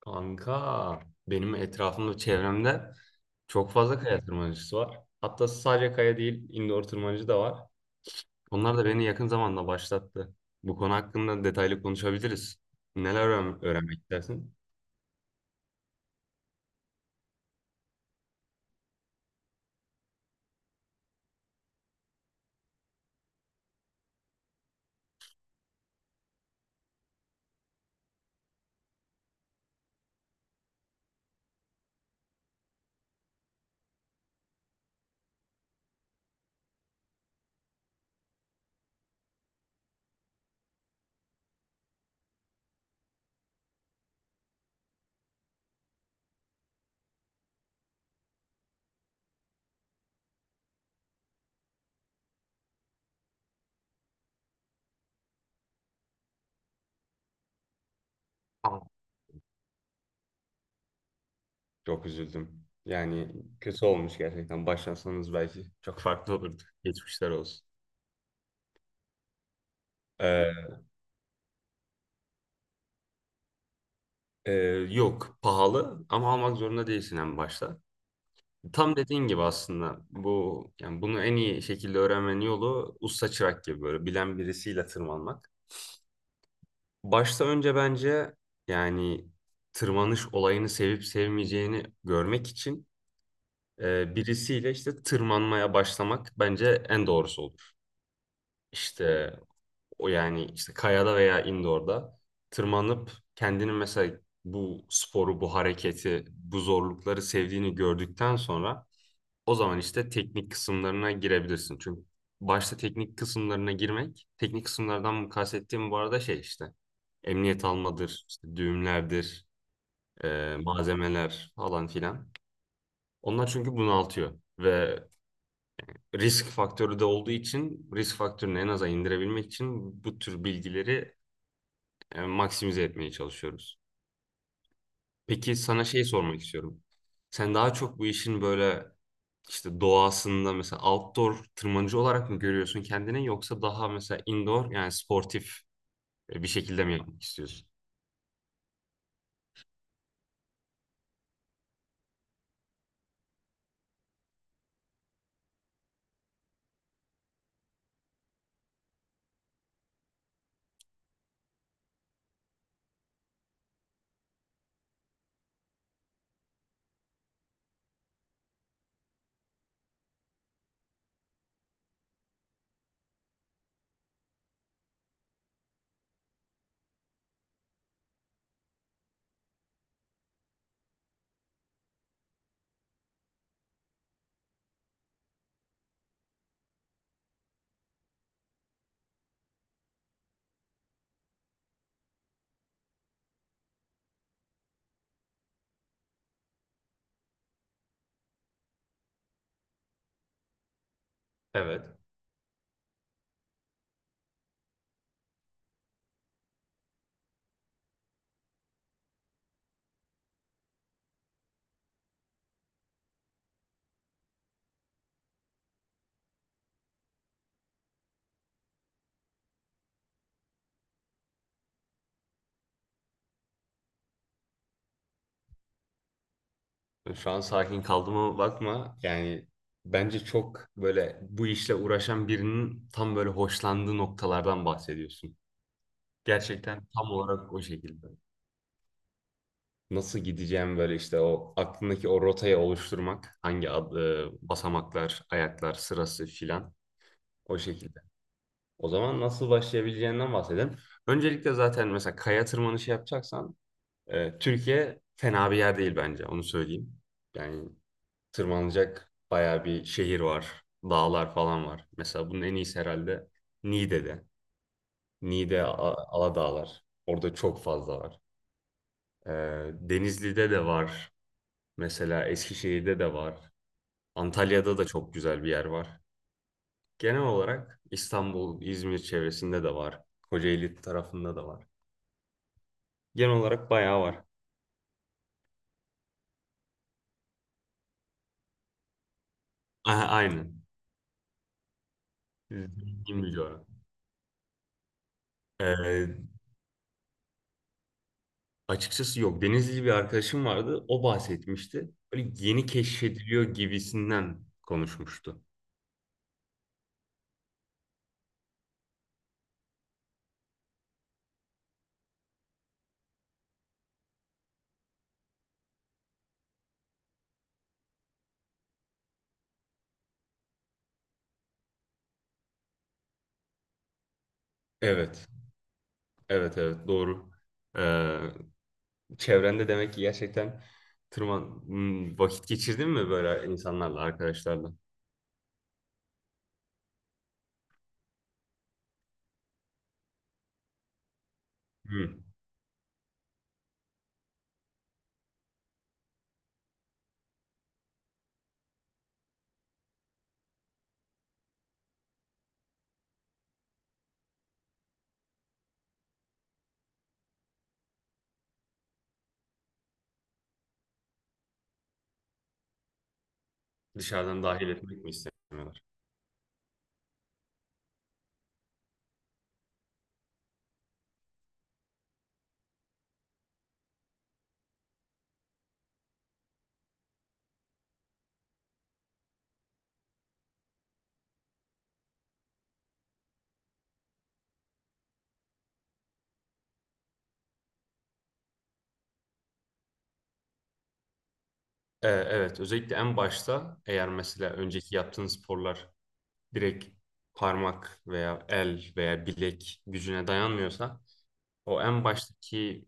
Kanka benim etrafımda çevremde çok fazla kaya tırmanıcısı var. Hatta sadece kaya değil indoor tırmanıcı da var. Onlar da beni yakın zamanda başlattı. Bu konu hakkında detaylı konuşabiliriz. Neler öğrenmek istersin? Aa, çok üzüldüm. Yani kötü olmuş gerçekten. Başlasanız belki çok farklı olurdu. Geçmişler olsun. Ee, e, Yok pahalı ama almak zorunda değilsin en başta. Tam dediğin gibi aslında bu yani bunu en iyi şekilde öğrenmenin yolu usta çırak gibi böyle bilen birisiyle tırmanmak. Başta önce bence yani tırmanış olayını sevip sevmeyeceğini görmek için birisiyle işte tırmanmaya başlamak bence en doğrusu olur. İşte o yani işte kayada veya indoor'da tırmanıp kendini mesela bu sporu, bu hareketi, bu zorlukları sevdiğini gördükten sonra o zaman işte teknik kısımlarına girebilirsin. Çünkü başta teknik kısımlarına girmek, teknik kısımlardan kastettiğim bu arada şey işte emniyet almadır, işte düğümlerdir, malzemeler falan filan. Onlar çünkü bunaltıyor ve risk faktörü de olduğu için risk faktörünü en aza indirebilmek için bu tür bilgileri maksimize etmeye çalışıyoruz. Peki sana şey sormak istiyorum. Sen daha çok bu işin böyle işte doğasında mesela outdoor tırmanıcı olarak mı görüyorsun kendini, yoksa daha mesela indoor yani sportif bir şekilde mi yapmak istiyorsun? Evet. Şu an sakin kaldığıma bakma. Yani bence çok böyle bu işle uğraşan birinin tam böyle hoşlandığı noktalardan bahsediyorsun. Gerçekten tam olarak o şekilde. Nasıl gideceğim böyle işte o aklındaki o rotayı oluşturmak. Hangi ad, basamaklar, ayaklar sırası filan o şekilde. O zaman nasıl başlayabileceğinden bahsedelim. Öncelikle zaten mesela kaya tırmanışı yapacaksan Türkiye fena bir yer değil bence, onu söyleyeyim. Yani tırmanacak bayağı bir şehir var, dağlar falan var. Mesela bunun en iyisi herhalde Niğde'de. Niğde, Aladağlar. Orada çok fazla var. E, Denizli'de de var. Mesela Eskişehir'de de var. Antalya'da da çok güzel bir yer var. Genel olarak İstanbul, İzmir çevresinde de var. Kocaeli tarafında da var. Genel olarak bayağı var. Aha, aynen. Zengin bir coğrafya. Ee, Açıkçası yok. Denizli bir arkadaşım vardı. O bahsetmişti. Böyle yeni keşfediliyor gibisinden konuşmuştu. Evet. Evet, doğru. Ee, Çevrende demek ki gerçekten tırman Hmm, vakit geçirdin mi böyle insanlarla, arkadaşlarla? Hı. Dışarıdan dahil etmek mi istemiyorlar? Evet, özellikle en başta eğer mesela önceki yaptığın sporlar direkt parmak veya el veya bilek gücüne dayanmıyorsa o en baştaki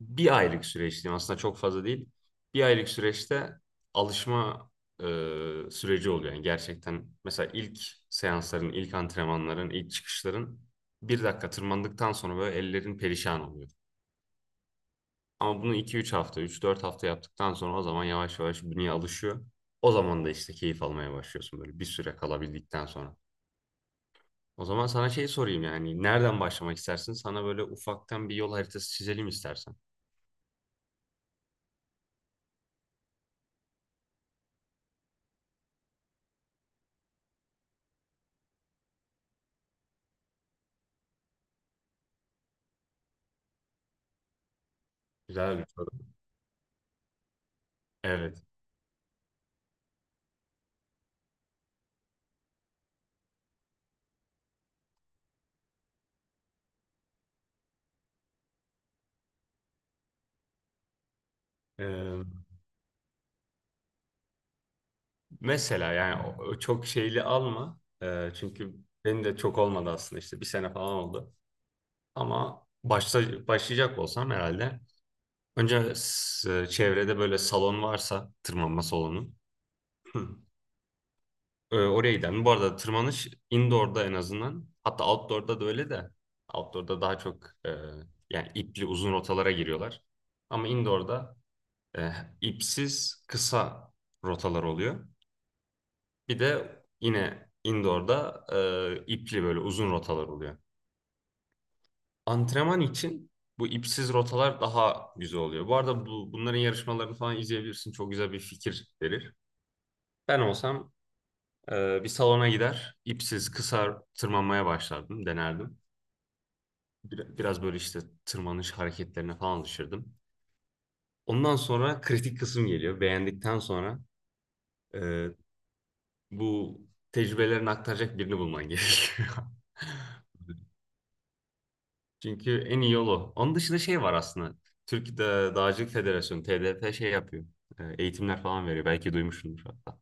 bir aylık süreç diyeyim aslında çok fazla değil. Bir aylık süreçte alışma e, süreci oluyor. Yani gerçekten mesela ilk seansların, ilk antrenmanların, ilk çıkışların bir dakika tırmandıktan sonra böyle ellerin perişan oluyor. Ama bunu iki üç hafta, üç dört hafta yaptıktan sonra o zaman yavaş yavaş bünye alışıyor. O zaman da işte keyif almaya başlıyorsun böyle bir süre kalabildikten sonra. O zaman sana şey sorayım, yani nereden başlamak istersin? Sana böyle ufaktan bir yol haritası çizelim istersen. Güzel bir soru. Evet. Ee, Mesela yani o çok şeyli alma. Çünkü benim de çok olmadı aslında, işte bir sene falan oldu. Ama başlayacak olsam herhalde. Önce çevrede böyle salon varsa, tırmanma salonu. Oraya giden bu arada tırmanış indoor'da en azından. Hatta outdoor'da da öyle de. Outdoor'da daha çok yani ipli uzun rotalara giriyorlar. Ama indoor'da e, ipsiz kısa rotalar oluyor. Bir de yine indoor'da ipli böyle uzun rotalar oluyor. Antrenman için bu ipsiz rotalar daha güzel oluyor. Bu arada bunların yarışmalarını falan izleyebilirsin. Çok güzel bir fikir verir. Ben olsam bir salona gider, ipsiz kısa tırmanmaya başlardım, denerdim. Biraz böyle işte tırmanış hareketlerine falan alışırdım. Ondan sonra kritik kısım geliyor. Beğendikten sonra e, bu tecrübelerini aktaracak birini bulman gerekiyor. Çünkü en iyi yolu. Onun dışında şey var aslında. Türkiye Dağcılık Federasyonu, TDF şey yapıyor. E, eğitimler falan veriyor. Belki duymuşsundur hatta.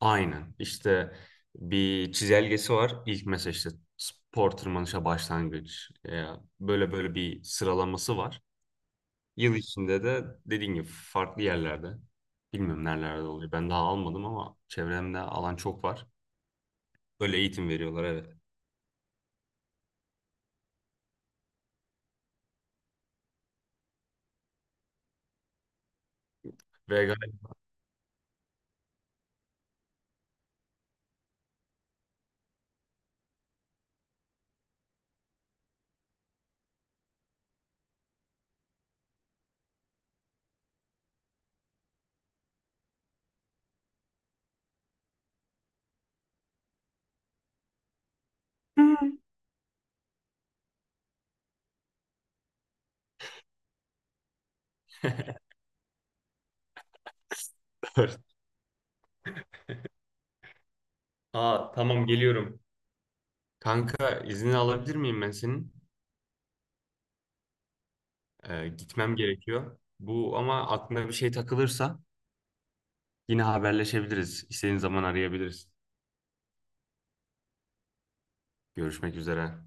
Aynen. İşte bir çizelgesi var. İlk mesela işte spor tırmanışa başlangıç. Böyle böyle bir sıralaması var. Yıl içinde de dediğin gibi farklı yerlerde. Bilmiyorum nerelerde oluyor. Ben daha almadım ama çevremde alan çok var. Böyle eğitim veriyorlar, evet. Ve gayet... Dur. Aa tamam, geliyorum. Kanka izni alabilir miyim ben senin? Gitmem gerekiyor. Bu ama aklına bir şey takılırsa yine haberleşebiliriz. İstediğin zaman arayabiliriz. Görüşmek üzere.